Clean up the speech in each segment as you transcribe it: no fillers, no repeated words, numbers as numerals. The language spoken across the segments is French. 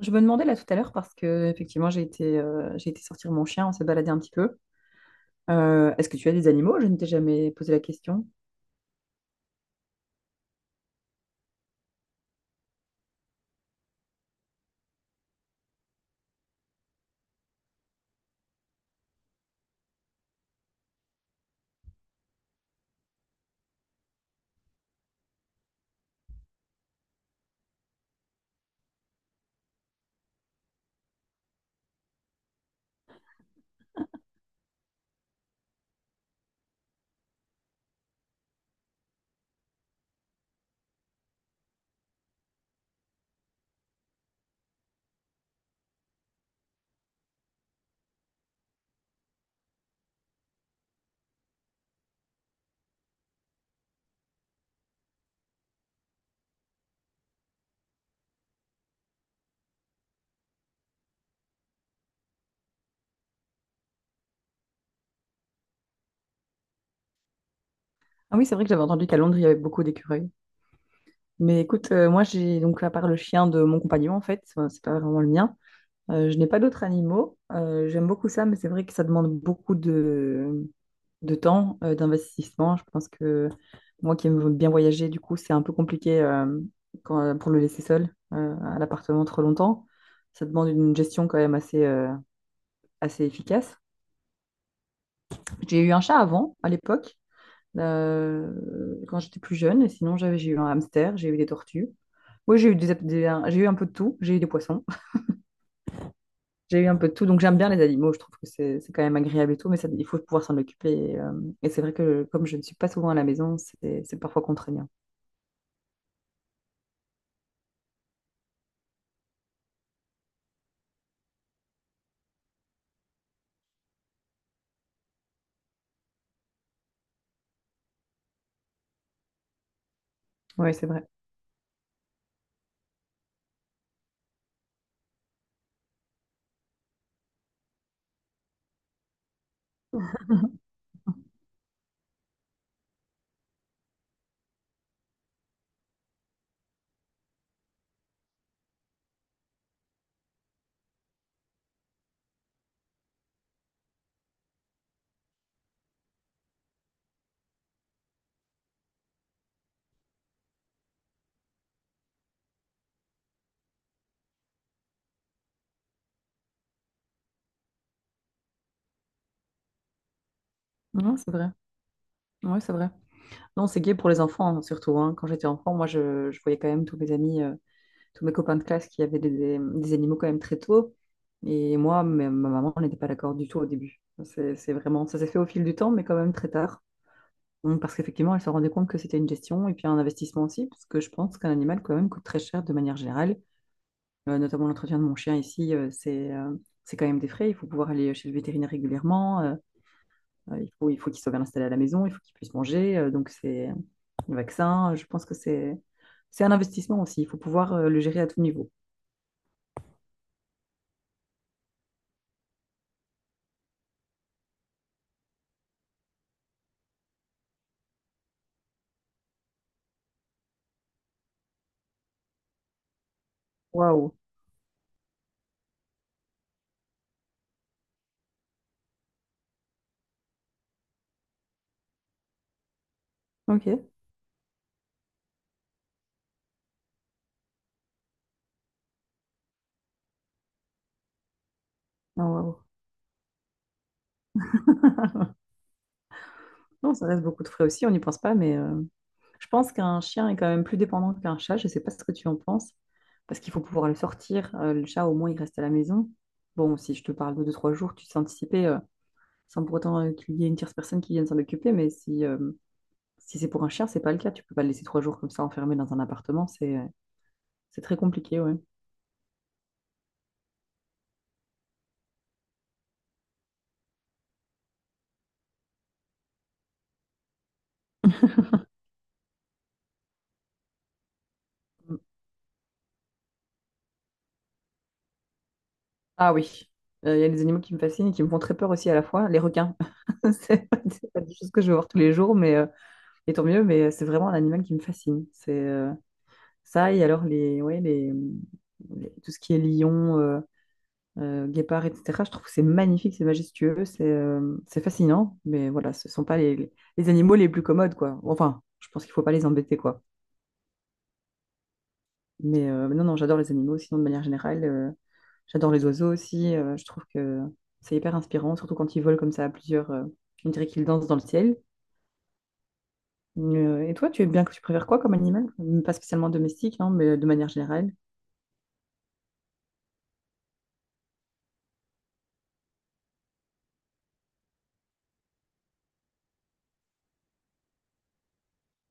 Je me demandais là tout à l'heure parce que effectivement j'ai été sortir mon chien, on s'est baladé un petit peu. Est-ce que tu as des animaux? Je ne t'ai jamais posé la question. Ah oui, c'est vrai que j'avais entendu qu'à Londres il y avait beaucoup d'écureuils. Mais écoute, moi j'ai donc à part le chien de mon compagnon en fait, c'est pas vraiment le mien. Je n'ai pas d'autres animaux. J'aime beaucoup ça, mais c'est vrai que ça demande beaucoup de temps, d'investissement. Je pense que moi qui aime bien voyager, du coup, c'est un peu compliqué pour le laisser seul à l'appartement trop longtemps. Ça demande une gestion quand même assez efficace. J'ai eu un chat avant, à l'époque, euh, quand j'étais plus jeune. Et sinon, j'ai eu un hamster, j'ai eu des tortues. Oui, j'ai eu un peu de tout. J'ai eu des poissons. J'ai eu un peu de tout, donc j'aime bien les animaux, je trouve que c'est quand même agréable et tout, mais ça, il faut pouvoir s'en occuper. Et c'est vrai que comme je ne suis pas souvent à la maison, c'est parfois contraignant. Oui, c'est vrai. Non, c'est vrai. Oui, c'est vrai. Non, c'est gay pour les enfants, hein, surtout. Hein. Quand j'étais enfant, moi, je voyais quand même tous mes amis, tous mes copains de classe qui avaient des animaux quand même très tôt. Et moi, ma maman n'était pas d'accord du tout au début. C'est vraiment, ça s'est fait au fil du temps, mais quand même très tard. Donc, parce qu'effectivement, elle se rendait compte que c'était une gestion et puis un investissement aussi, parce que je pense qu'un animal, quand même, coûte très cher de manière générale. Notamment l'entretien de mon chien ici, c'est quand même des frais. Il faut pouvoir aller chez le vétérinaire régulièrement. Il faut, il faut qu'il soit bien installé à la maison. Il faut qu'il puisse manger. Donc, c'est le vaccin. Je pense que c'est un investissement aussi. Il faut pouvoir le gérer à tout niveau. Waouh. OK. Ah, waouh. Non, ça reste beaucoup de frais aussi. On n'y pense pas. Mais je pense qu'un chien est quand même plus dépendant qu'un chat. Je ne sais pas ce que tu en penses. Parce qu'il faut pouvoir le sortir. Le chat, au moins, il reste à la maison. Bon, si je te parle de deux, trois jours, tu sais anticiper. Sans pour autant qu'il y ait une tierce personne qui vienne s'en occuper. Mais si, si c'est pour un chien, c'est pas le cas. Tu peux pas le laisser trois jours comme ça enfermé dans un appartement. C'est très compliqué, ouais. Mm. Ah oui, il y a des animaux qui me fascinent et qui me font très peur aussi à la fois. Les requins, c'est pas des choses que je vais voir tous les jours, mais et tant mieux. Mais c'est vraiment un animal qui me fascine. C'est Ça et alors les, ouais, tout ce qui est lion. Guépards, etc. Je trouve que c'est magnifique, c'est majestueux, c'est fascinant, mais voilà, ce ne sont pas les animaux les plus commodes, quoi. Enfin, je pense qu'il ne faut pas les embêter, quoi. Mais non, non, j'adore les animaux, sinon de manière générale, j'adore les oiseaux aussi, je trouve que c'est hyper inspirant, surtout quand ils volent comme ça à plusieurs, on dirait qu'ils dansent dans le ciel. Et toi, tu aimes bien que tu préfères quoi comme animal? Pas spécialement domestique, non, mais de manière générale.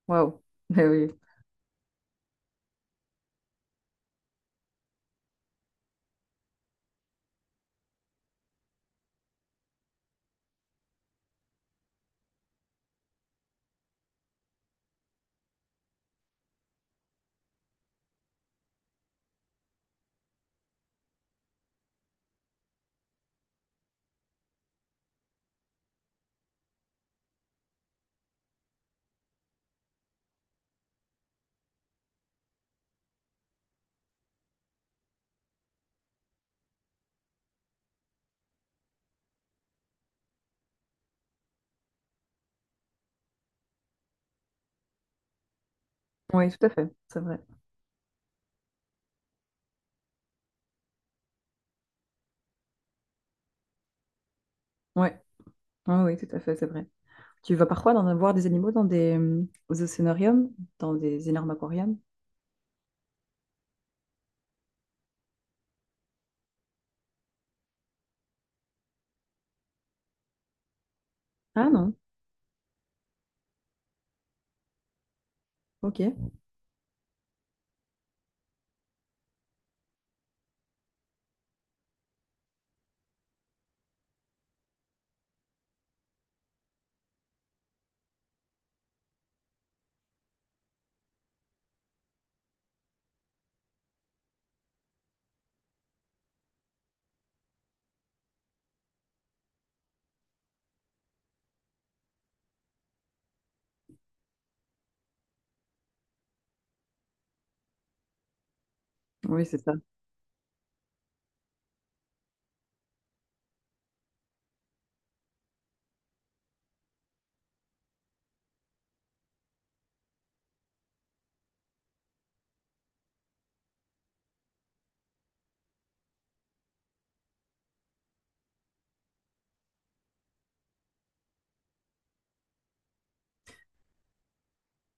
Waouh! Eh oui, oui, tout à fait, c'est vrai. Ouais, ah oui, tout à fait, c'est vrai. Tu vas parfois en avoir des animaux dans des aux océanariums, dans des énormes aquariums? Ah non, ok. Oui, c'est ça.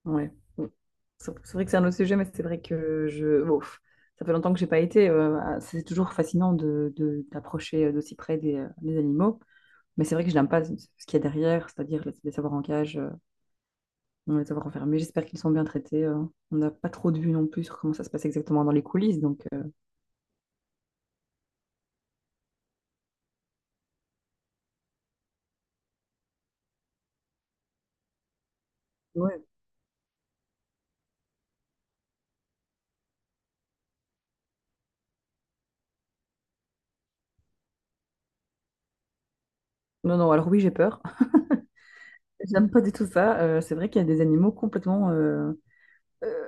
Ouais. Bon, c'est vrai que c'est un autre sujet, mais c'est vrai que je. Bon, pff, ça fait longtemps que j'ai pas été. Euh, ah, c'est toujours fascinant d'approcher d'aussi près des animaux. Mais c'est vrai que je n'aime pas ce qu'il y a derrière, c'est-à-dire les savoir en cage, les savoir enfermés. J'espère qu'ils sont bien traités. Euh. On n'a pas trop de vues non plus sur comment ça se passe exactement dans les coulisses. Donc, ouais. Non, non, alors oui, j'ai peur. J'aime pas du tout ça. C'est vrai qu'il y a des animaux complètement euh,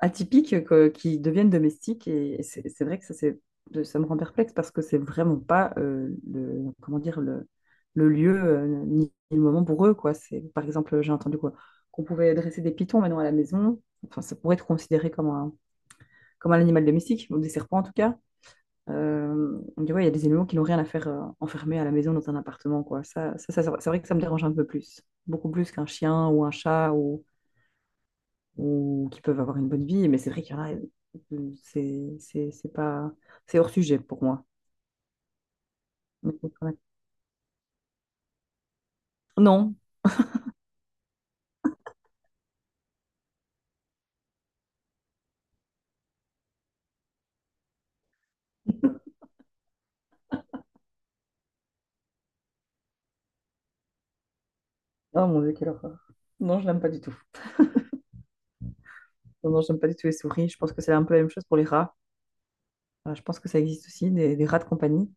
atypiques quoi, qui deviennent domestiques et c'est vrai que ça, ça me rend perplexe parce que c'est vraiment pas le, comment dire, le lieu ni le moment pour eux, quoi. C'est, par exemple, j'ai entendu quoi, qu'on pouvait dresser des pitons maintenant à la maison. Enfin, ça pourrait être considéré comme un animal domestique, ou des serpents en tout cas. On dit, ouais, il y a des animaux qui n'ont rien à faire enfermés à la maison dans un appartement, quoi. Ça, c'est vrai que ça me dérange un peu plus. Beaucoup plus qu'un chien ou un chat ou qui peuvent avoir une bonne vie, mais c'est vrai qu'il y en a, c'est pas... C'est hors sujet pour moi. Non. Oh mon Dieu, quelle horreur. Non, je l'aime pas du tout. Non, non, j'aime pas du tout les souris. Je pense que c'est un peu la même chose pour les rats. Je pense que ça existe aussi, des rats de compagnie.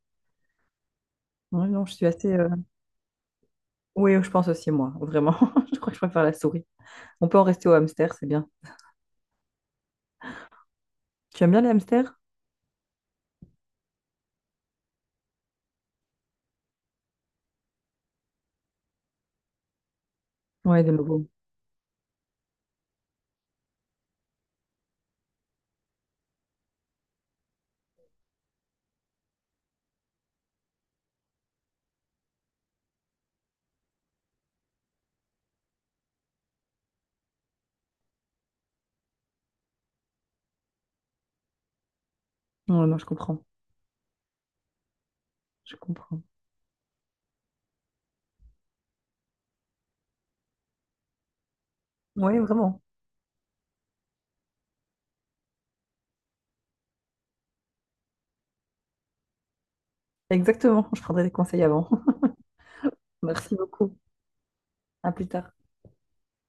Ouais, non, je suis assez... oui, je pense aussi, moi, vraiment. Je crois que je préfère la souris. On peut en rester au hamster, c'est bien. Tu aimes bien les hamsters? Ouais, des logos. Non, non, je comprends. Je comprends. Oui, vraiment. Exactement. Je prendrai des conseils avant. Merci beaucoup. À plus tard.